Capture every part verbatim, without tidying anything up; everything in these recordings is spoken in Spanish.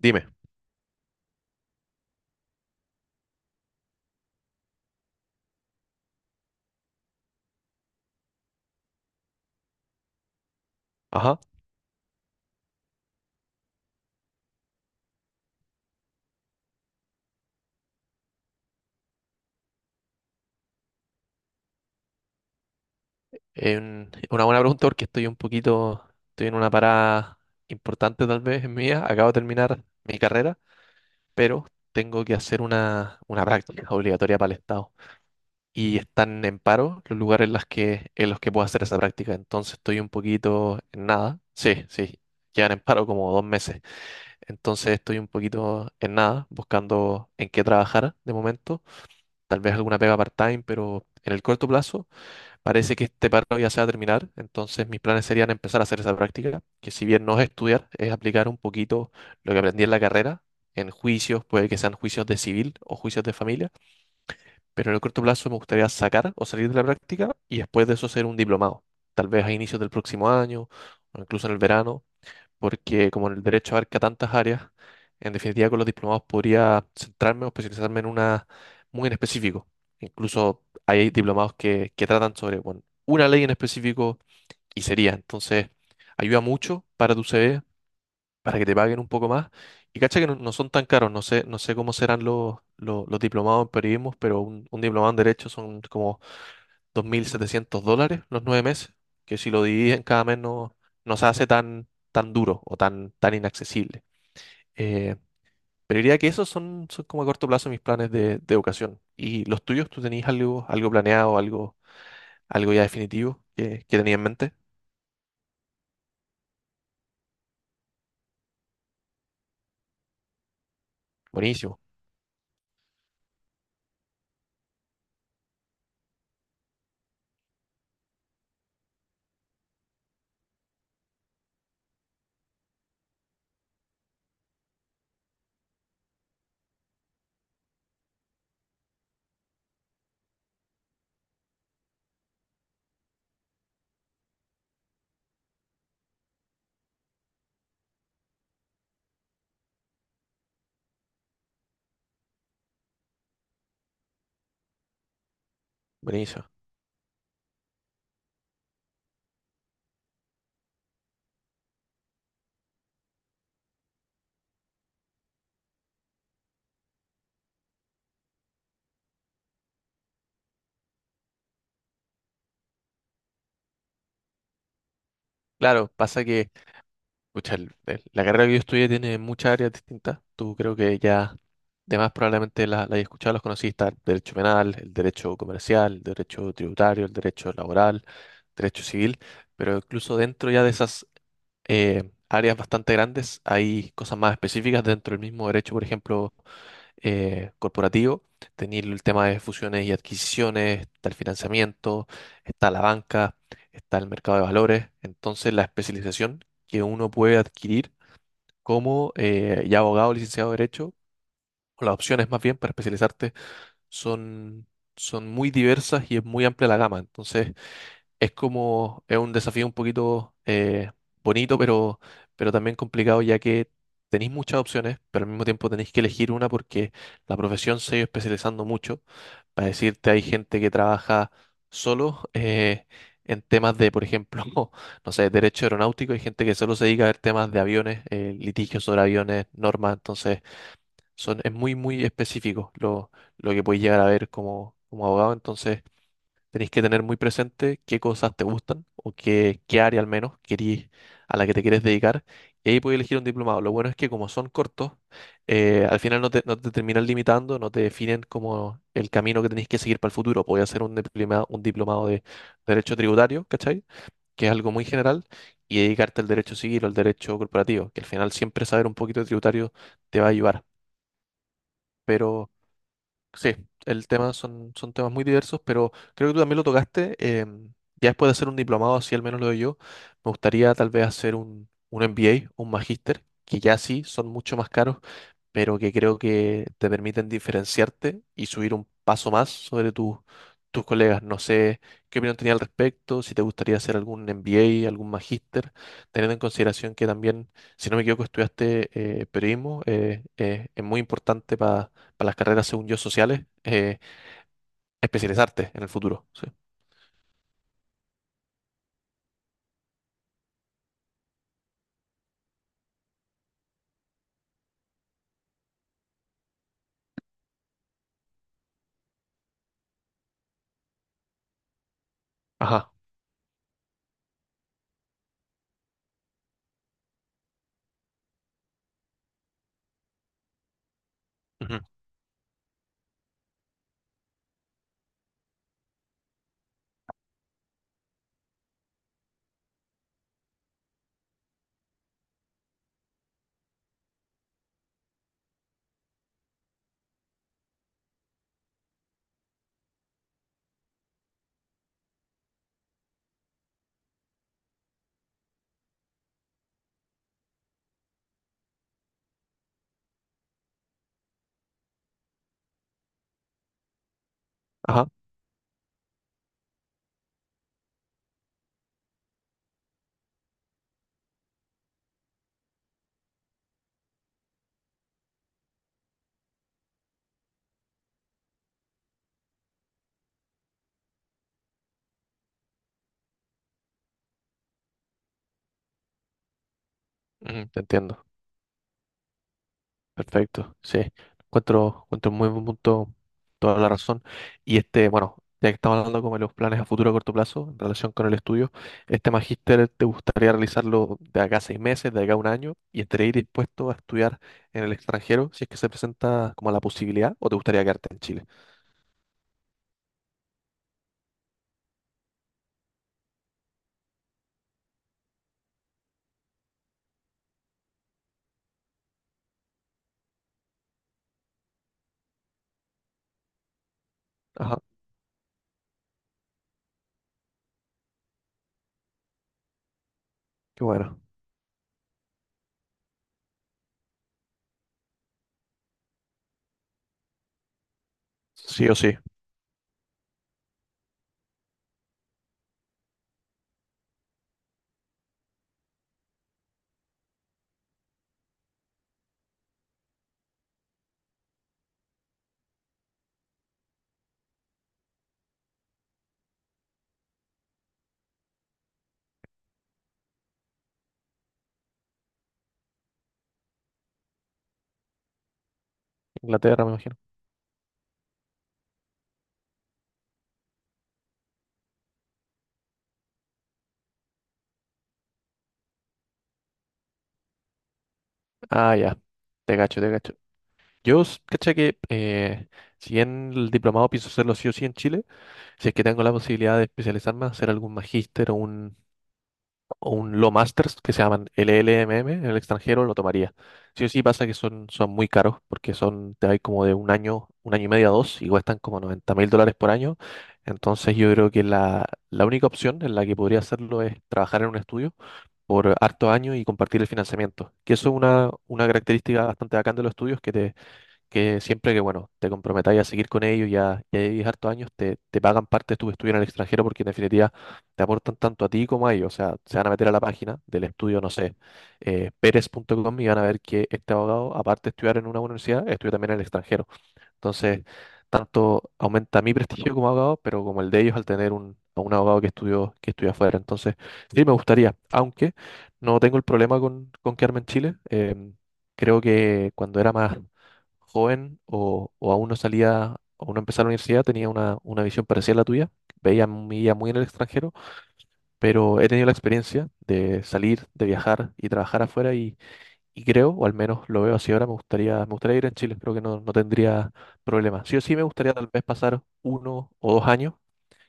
Dime, ajá. En- una buena pregunta porque estoy un poquito, estoy en una parada importante tal vez en mi acabo de terminar mi carrera, pero tengo que hacer una, una práctica obligatoria para el Estado. Y están en paro los lugares en, las que, en los que puedo hacer esa práctica. Entonces estoy un poquito en nada. Sí, sí, llevan en paro como dos meses. Entonces estoy un poquito en nada, buscando en qué trabajar de momento. Tal vez alguna pega part-time, pero en el corto plazo. Parece que este paro ya se va a terminar, entonces mis planes serían empezar a hacer esa práctica, que si bien no es estudiar, es aplicar un poquito lo que aprendí en la carrera, en juicios, puede que sean juicios de civil o juicios de familia, pero en el corto plazo me gustaría sacar o salir de la práctica y después de eso hacer un diplomado, tal vez a inicios del próximo año o incluso en el verano, porque como el derecho abarca tantas áreas, en definitiva con los diplomados podría centrarme o especializarme en una muy en específico. Incluso hay diplomados que, que tratan sobre, bueno, una ley en específico y sería. Entonces, ayuda mucho para tu C V, para que te paguen un poco más. Y cacha que no, no son tan caros, no sé, no sé cómo serán los, los, los diplomados en periodismo, pero un, un diplomado en derecho son como dos mil setecientos dólares los nueve meses, que si lo dividen cada mes no, no se hace tan, tan duro o tan, tan inaccesible. Eh, pero diría que esos son, son como a corto plazo mis planes de, de educación. ¿Y los tuyos? ¿Tú tenías algo, algo planeado, algo, algo ya definitivo que, que tenías en mente? Buenísimo, buenísimo. Claro, pasa que pucha, el- el- la carrera que yo estudié tiene muchas áreas distintas. Tú creo que ya, de más probablemente la, la hayas escuchado, las conocí, está el derecho penal, el derecho comercial, el derecho tributario, el derecho laboral, derecho civil, pero incluso dentro ya de esas eh, áreas bastante grandes hay cosas más específicas dentro del mismo derecho, por ejemplo eh, corporativo. Tenéis el tema de fusiones y adquisiciones, está el financiamiento, está la banca, está el mercado de valores. Entonces, la especialización que uno puede adquirir como eh, ya abogado, licenciado de Derecho, o las opciones más bien para especializarte, son, son muy diversas y es muy amplia la gama. Entonces, es como, es un desafío un poquito eh, bonito, pero, pero, también complicado, ya que tenéis muchas opciones, pero al mismo tiempo tenéis que elegir una porque la profesión se ha ido especializando mucho. Para decirte, hay gente que trabaja solo eh, en temas de, por ejemplo, no sé, derecho aeronáutico, hay gente que solo se dedica a ver temas de aviones, eh, litigios sobre aviones, normas, entonces son, es muy, muy específico lo, lo que podéis llegar a ver como, como abogado, entonces... Tenéis que tener muy presente qué cosas te gustan o qué, qué área al menos querís, a la que te quieres dedicar. Y ahí podéis elegir un diplomado. Lo bueno es que como son cortos, eh, al final no te, no te, terminan limitando, no te definen como el camino que tenéis que seguir para el futuro. Podéis hacer un diplomado, un diplomado de derecho tributario, ¿cachai? Que es algo muy general, y dedicarte al derecho civil o al derecho corporativo, que al final siempre saber un poquito de tributario te va a ayudar. Pero sí, el tema son, son temas muy diversos, pero creo que tú también lo tocaste. em, ya después de hacer un diplomado, así al menos lo doy yo, me gustaría tal vez hacer un, un, M B A, un magíster, que ya sí son mucho más caros pero que creo que te permiten diferenciarte y subir un paso más sobre tus tus colegas. No sé qué opinión tenía al respecto, si te gustaría hacer algún M B A, algún magíster, teniendo en consideración que también, si no me equivoco, estudiaste eh, periodismo, eh, eh, es muy importante para las carreras, según yo, sociales, eh, especializarte en el futuro. Sí. Ajá, ujú, ajá, ujú, te entiendo. Perfecto, sí. Encuentro, encuentro muy buen punto, toda la razón. Y este, bueno, ya que estamos hablando como de los planes a futuro a corto plazo en relación con el estudio, ¿este magíster te gustaría realizarlo de acá a seis meses, de acá a un año, y estarías dispuesto a estudiar en el extranjero si es que se presenta como la posibilidad o te gustaría quedarte en Chile? Ajá, qué bueno. Sí o sí. Inglaterra, me imagino. Ah, ya, te cacho, te cacho. Yo, s- caché que eh, si bien el diplomado pienso hacerlo sí o sí en Chile, si es que tengo la posibilidad de especializarme, hacer algún magíster o un, o un Law Masters que se llaman L L M M en el extranjero, lo tomaría. Sí o sí pasa que son, son muy caros porque son, te hay como de un año, un año y medio a dos y cuestan como noventa mil dólares por año. Entonces yo creo que la, la, única opción en la que podría hacerlo es trabajar en un estudio por hartos años y compartir el financiamiento. Que eso es una, una característica bastante bacán de los estudios que te, que siempre que, bueno, te comprometáis a seguir con ellos y a, y a vivir hartos años, te, te pagan parte de tus estudios en el extranjero porque en definitiva te aportan tanto a ti como a ellos. O sea, se van a meter a la página del estudio, no sé, eh, pérez punto com y van a ver que este abogado, aparte de estudiar en una universidad, estudia también en el extranjero. Entonces, tanto aumenta mi prestigio como abogado, pero como el de ellos al tener un, a un abogado que estudió, que estudia afuera. Entonces, sí me gustaría, aunque no tengo el problema con, con, quedarme en Chile. em, Creo que cuando era más joven o, o aún no salía, o no empezaba la universidad, tenía una, una visión parecida a la tuya. Veía mi vida muy en el extranjero, pero he tenido la experiencia de salir, de viajar y trabajar afuera y creo, o al menos lo veo así ahora, me gustaría, me gustaría ir en Chile, creo que no, no tendría problema. Sí o sí me gustaría tal vez pasar uno o dos años,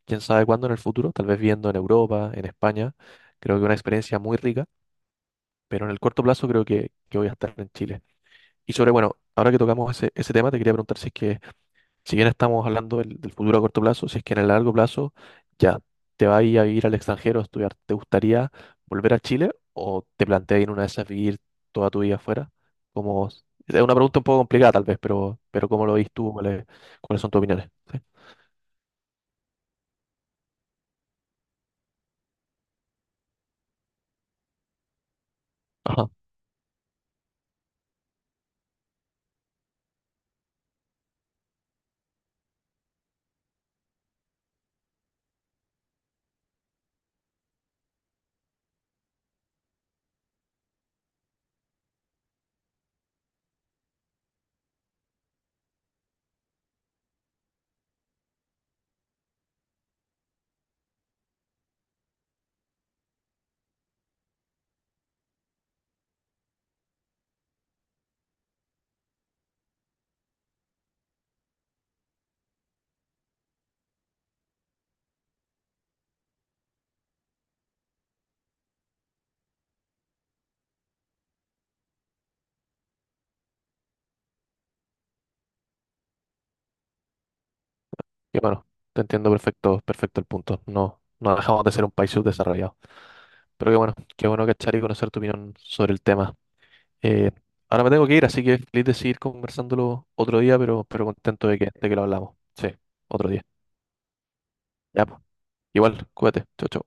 quién sabe cuándo en el futuro, tal vez viendo en Europa, en España, creo que una experiencia muy rica, pero en el corto plazo creo que, que voy a estar en Chile. Y sobre, bueno, ahora que tocamos ese, ese tema, te quería preguntar si es que si bien estamos hablando del, del futuro a corto plazo, si es que en el largo plazo ya te vas a ir a vivir al extranjero a estudiar, ¿te gustaría volver a Chile o te planteas ir una vez a vivir toda tu vida afuera? Como, es una pregunta un poco complicada tal vez, pero, pero ¿cómo lo ves tú? ¿Cuáles, cuáles son tus opiniones? Sí. Ajá. Y bueno, te entiendo perfecto, perfecto el punto. No, no dejamos de ser un país subdesarrollado. Pero qué bueno, qué bueno cachar y conocer tu opinión sobre el tema. Eh, Ahora me tengo que ir, así que feliz de seguir conversándolo otro día, pero, pero, contento de que, de que lo hablamos. Sí, otro día. Ya, pues. Igual, cuídate. Chau, chau.